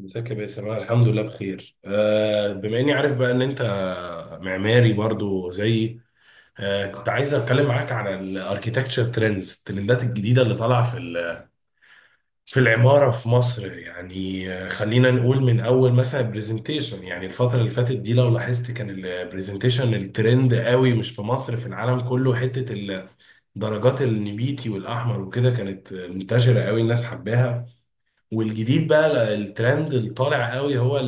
ازيك يا باسم؟ انا الحمد لله بخير. بما اني عارف بقى ان انت معماري برضو زيي. كنت عايز اتكلم معاك عن الاركيتكتشر ترندز، الترندات الجديده اللي طالعه في في العماره في مصر. خلينا نقول من اول مثلا برزنتيشن. يعني الفتره اللي فاتت دي لو لاحظت كان البرزنتيشن الترند قوي، مش في مصر، في العالم كله. حته درجات النبيتي والاحمر وكده كانت منتشره قوي، الناس حباها. والجديد بقى الترند اللي طالع قوي هو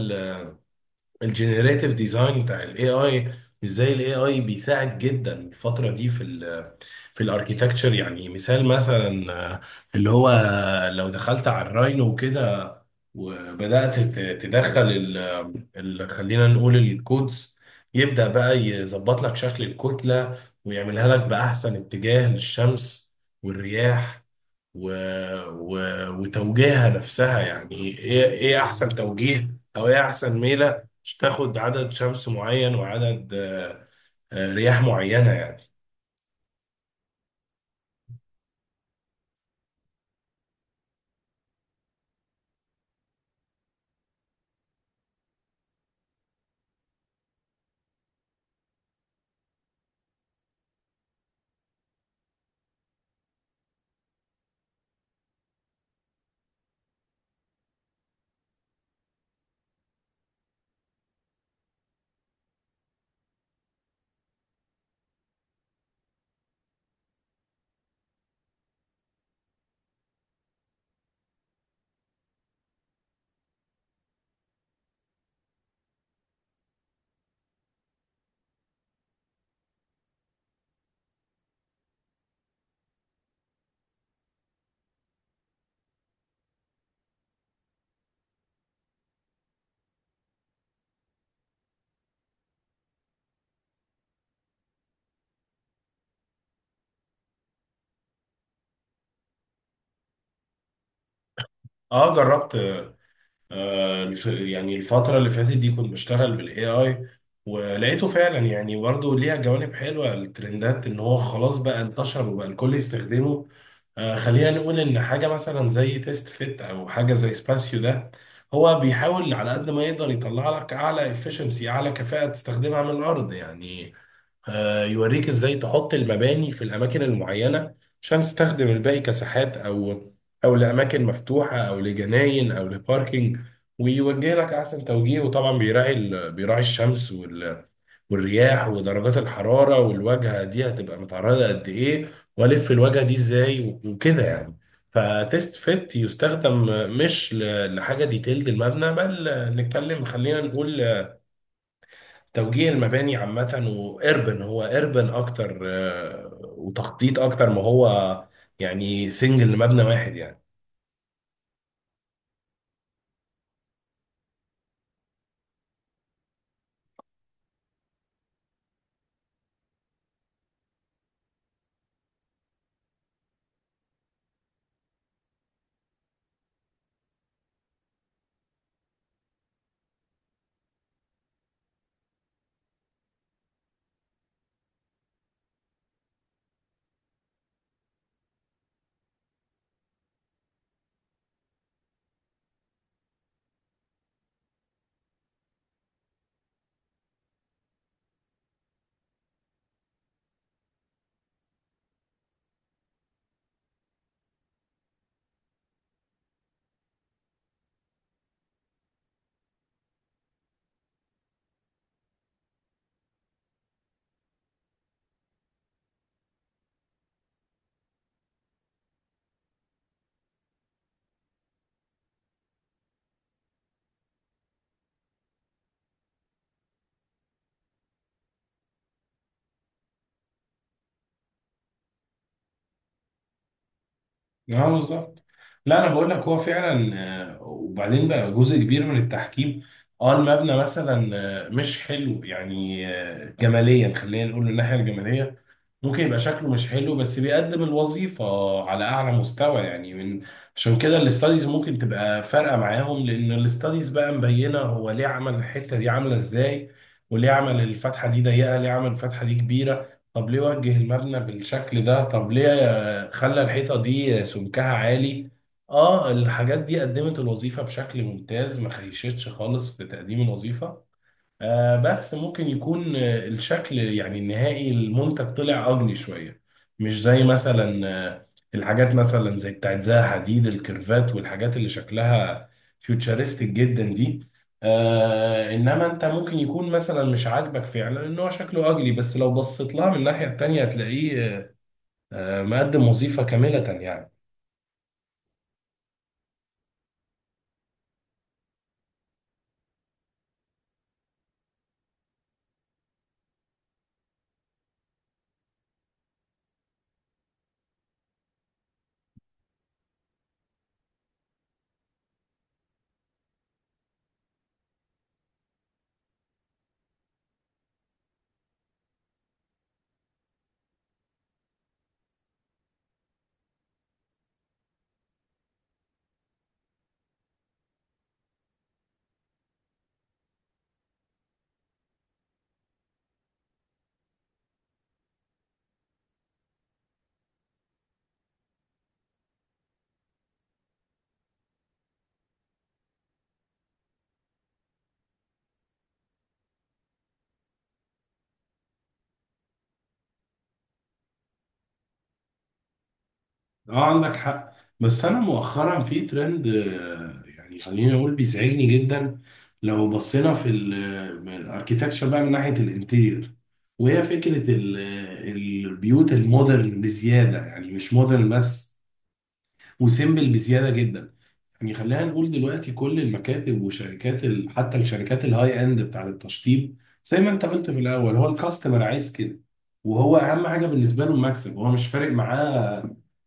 الجنريتيف ديزاين بتاع الاي اي. ازاي الاي اي بيساعد جدا الفتره دي في في الاركيتكتشر. يعني مثلا، آه، اللي هو آه، لو دخلت على الراينو وكده وبدات تدخل خلينا نقول الكودز، يبدا بقى يظبط لك شكل الكتله ويعملها لك باحسن اتجاه للشمس والرياح و... و... وتوجيهها نفسها. يعني ايه احسن توجيه او ايه احسن ميله، مش تاخد عدد شمس معين وعدد رياح معينه يعني. اه جربت. يعني الفترة اللي فاتت دي كنت بشتغل بالاي اي، ولقيته فعلا يعني برضه ليها جوانب حلوة الترندات، ان هو خلاص بقى انتشر وبقى الكل يستخدمه. خلينا نقول ان حاجة مثلا زي تيست فيت او حاجة زي سباسيو ده، هو بيحاول على قد ما يقدر يطلع لك اعلى efficiency، اعلى كفاءة تستخدمها من الارض يعني. يوريك ازاي تحط المباني في الاماكن المعينه عشان تستخدم الباقي كساحات او لاماكن مفتوحه او لجناين او لباركينج. ويوجه لك احسن توجيه، وطبعا بيراعي بيراعي الشمس والرياح ودرجات الحراره، والواجهه دي هتبقى متعرضه قد ايه، والف الواجهه دي ازاي وكده يعني. فتيست فيت يستخدم مش لحاجه ديتيلد المبنى، بل نتكلم خلينا نقول توجيه المباني عامة. وإربن، هو إربن أكتر، وتخطيط أكتر ما هو يعني سنجل مبنى واحد يعني. اه بالظبط. لا انا بقول لك هو فعلا، وبعدين بقى جزء كبير من التحكيم. اه المبنى مثلا مش حلو يعني، جماليا خلينا نقول، من الناحيه الجماليه ممكن يبقى شكله مش حلو، بس بيقدم الوظيفه على اعلى مستوى يعني. من عشان كده الاستاديز ممكن تبقى فارقه معاهم، لان الاستاديز بقى مبينه هو ليه عمل الحته دي، عامله ازاي، وليه عمل الفتحه دي ضيقه، ليه عمل الفتحه دي كبيره، طب ليه وجه المبنى بالشكل ده، طب ليه خلى الحيطة دي سمكها عالي. اه الحاجات دي قدمت الوظيفة بشكل ممتاز، ما خيشتش خالص في تقديم الوظيفة. آه بس ممكن يكون الشكل يعني النهائي المنتج طلع أجلي شوية. مش زي مثلا آه، الحاجات مثلا زي بتاعت زها حديد، الكيرفات والحاجات اللي شكلها فيوتشرستيك جدا دي. آه انما انت ممكن يكون مثلا مش عاجبك فعلا ان هو شكله اجلي، بس لو بصيت لها من الناحية التانية هتلاقيه مقدم وظيفة كاملة يعني. اه عندك حق. بس انا مؤخرا في ترند يعني خليني اقول بيزعجني جدا. لو بصينا في الاركيتكتشر بقى من ناحيه الانتير، وهي فكره البيوت المودرن بزياده، يعني مش مودرن بس، وسيمبل بزياده جدا. يعني خلينا نقول دلوقتي كل المكاتب وشركات حتى الشركات الهاي اند بتاعت التشطيب، زي ما انت قلت في الاول، هو الكاستمر عايز كده، وهو اهم حاجه بالنسبه له المكسب، هو مش فارق معاه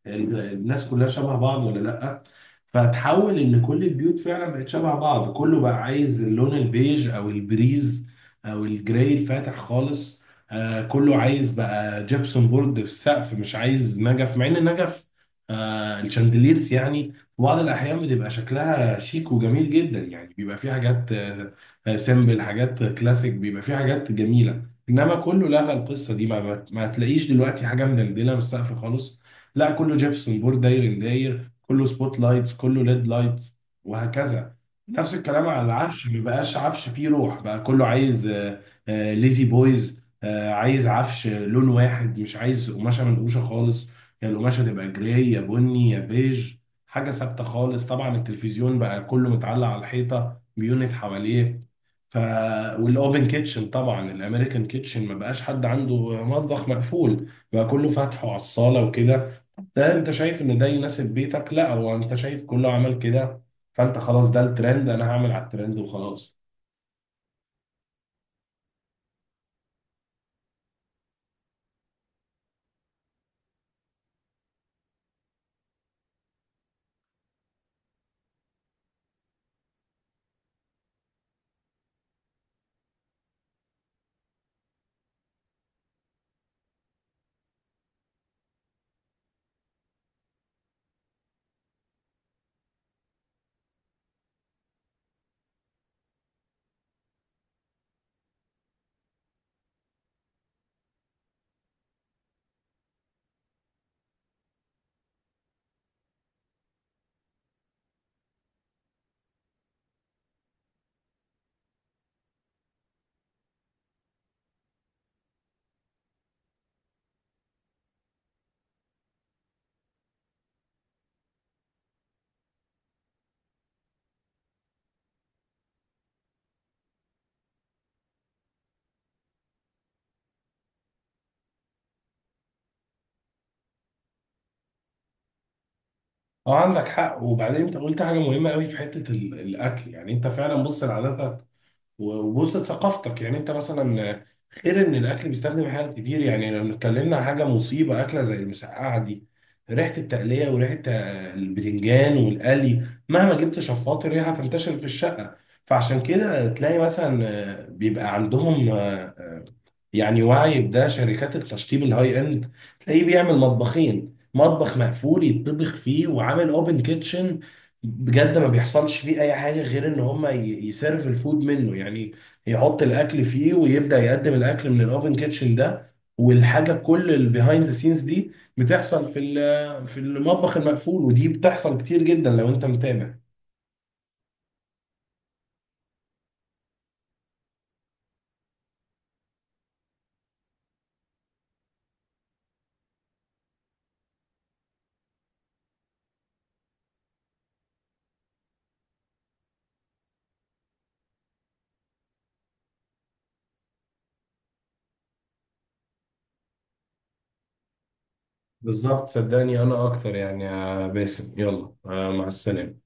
الناس كلها شبه بعض ولا لا. فتحول ان كل البيوت فعلا بقت شبه بعض، كله بقى عايز اللون البيج او البريز او الجراي الفاتح خالص. آه كله عايز بقى جبسون بورد في السقف، مش عايز نجف، مع ان نجف، آه الشاندليرز يعني، في بعض الأحيان بتبقى شكلها شيك وجميل جدا. يعني بيبقى فيه حاجات سيمبل، حاجات كلاسيك، بيبقى فيه حاجات جميلة. إنما كله لغى القصة دي، ما هتلاقيش دلوقتي حاجة مدلدلة من السقف خالص. لا كله جبسون بورد داير داير، كله سبوت لايتس، كله ليد لايتس، وهكذا. نفس الكلام على العفش، ما بقاش عفش فيه روح، بقى كله عايز ليزي بويز، عايز عفش لون واحد، مش عايز قماشة منقوشة خالص، يا القماشة تبقى جراي يا بني يا بيج، حاجة ثابتة خالص. طبعا التلفزيون بقى كله متعلق على الحيطة، بيونت حواليه. ف والاوبن كيتشن طبعا، الامريكان كيتشن، ما بقاش حد عنده مطبخ مقفول، بقى كله فاتحه على الصالة وكده. ده انت شايف ان ده يناسب بيتك؟ لا، هو انت شايف كله عمل كده فانت خلاص ده الترند، انا هعمل على الترند وخلاص. اه عندك حق. وبعدين انت قلت حاجة مهمة قوي في حتة الاكل. يعني انت فعلا بص لعاداتك وبص ثقافتك. يعني انت مثلا، غير ان الاكل بيستخدم حاجات كتير، يعني لو اتكلمنا عن حاجه مصيبه اكله زي المسقعه دي، ريحه التقليه وريحه البتنجان والقلي، مهما جبت شفاط الريحه تنتشر في الشقه. فعشان كده تلاقي مثلا بيبقى عندهم، يعني واعي بده، شركات التشطيب الهاي اند، تلاقيه بيعمل مطبخين، مطبخ مقفول يطبخ فيه، وعامل اوبن كيتشن بجد ما بيحصلش فيه اي حاجه غير ان هما يسيرف الفود منه يعني، يحط الاكل فيه ويبدا يقدم الاكل من الاوبن كيتشن ده، والحاجه كل البيهايند ذا سينز دي بتحصل في في المطبخ المقفول، ودي بتحصل كتير جدا لو انت متابع. بالظبط، صدقني انا اكتر يعني يا باسم. يلا، مع السلامه.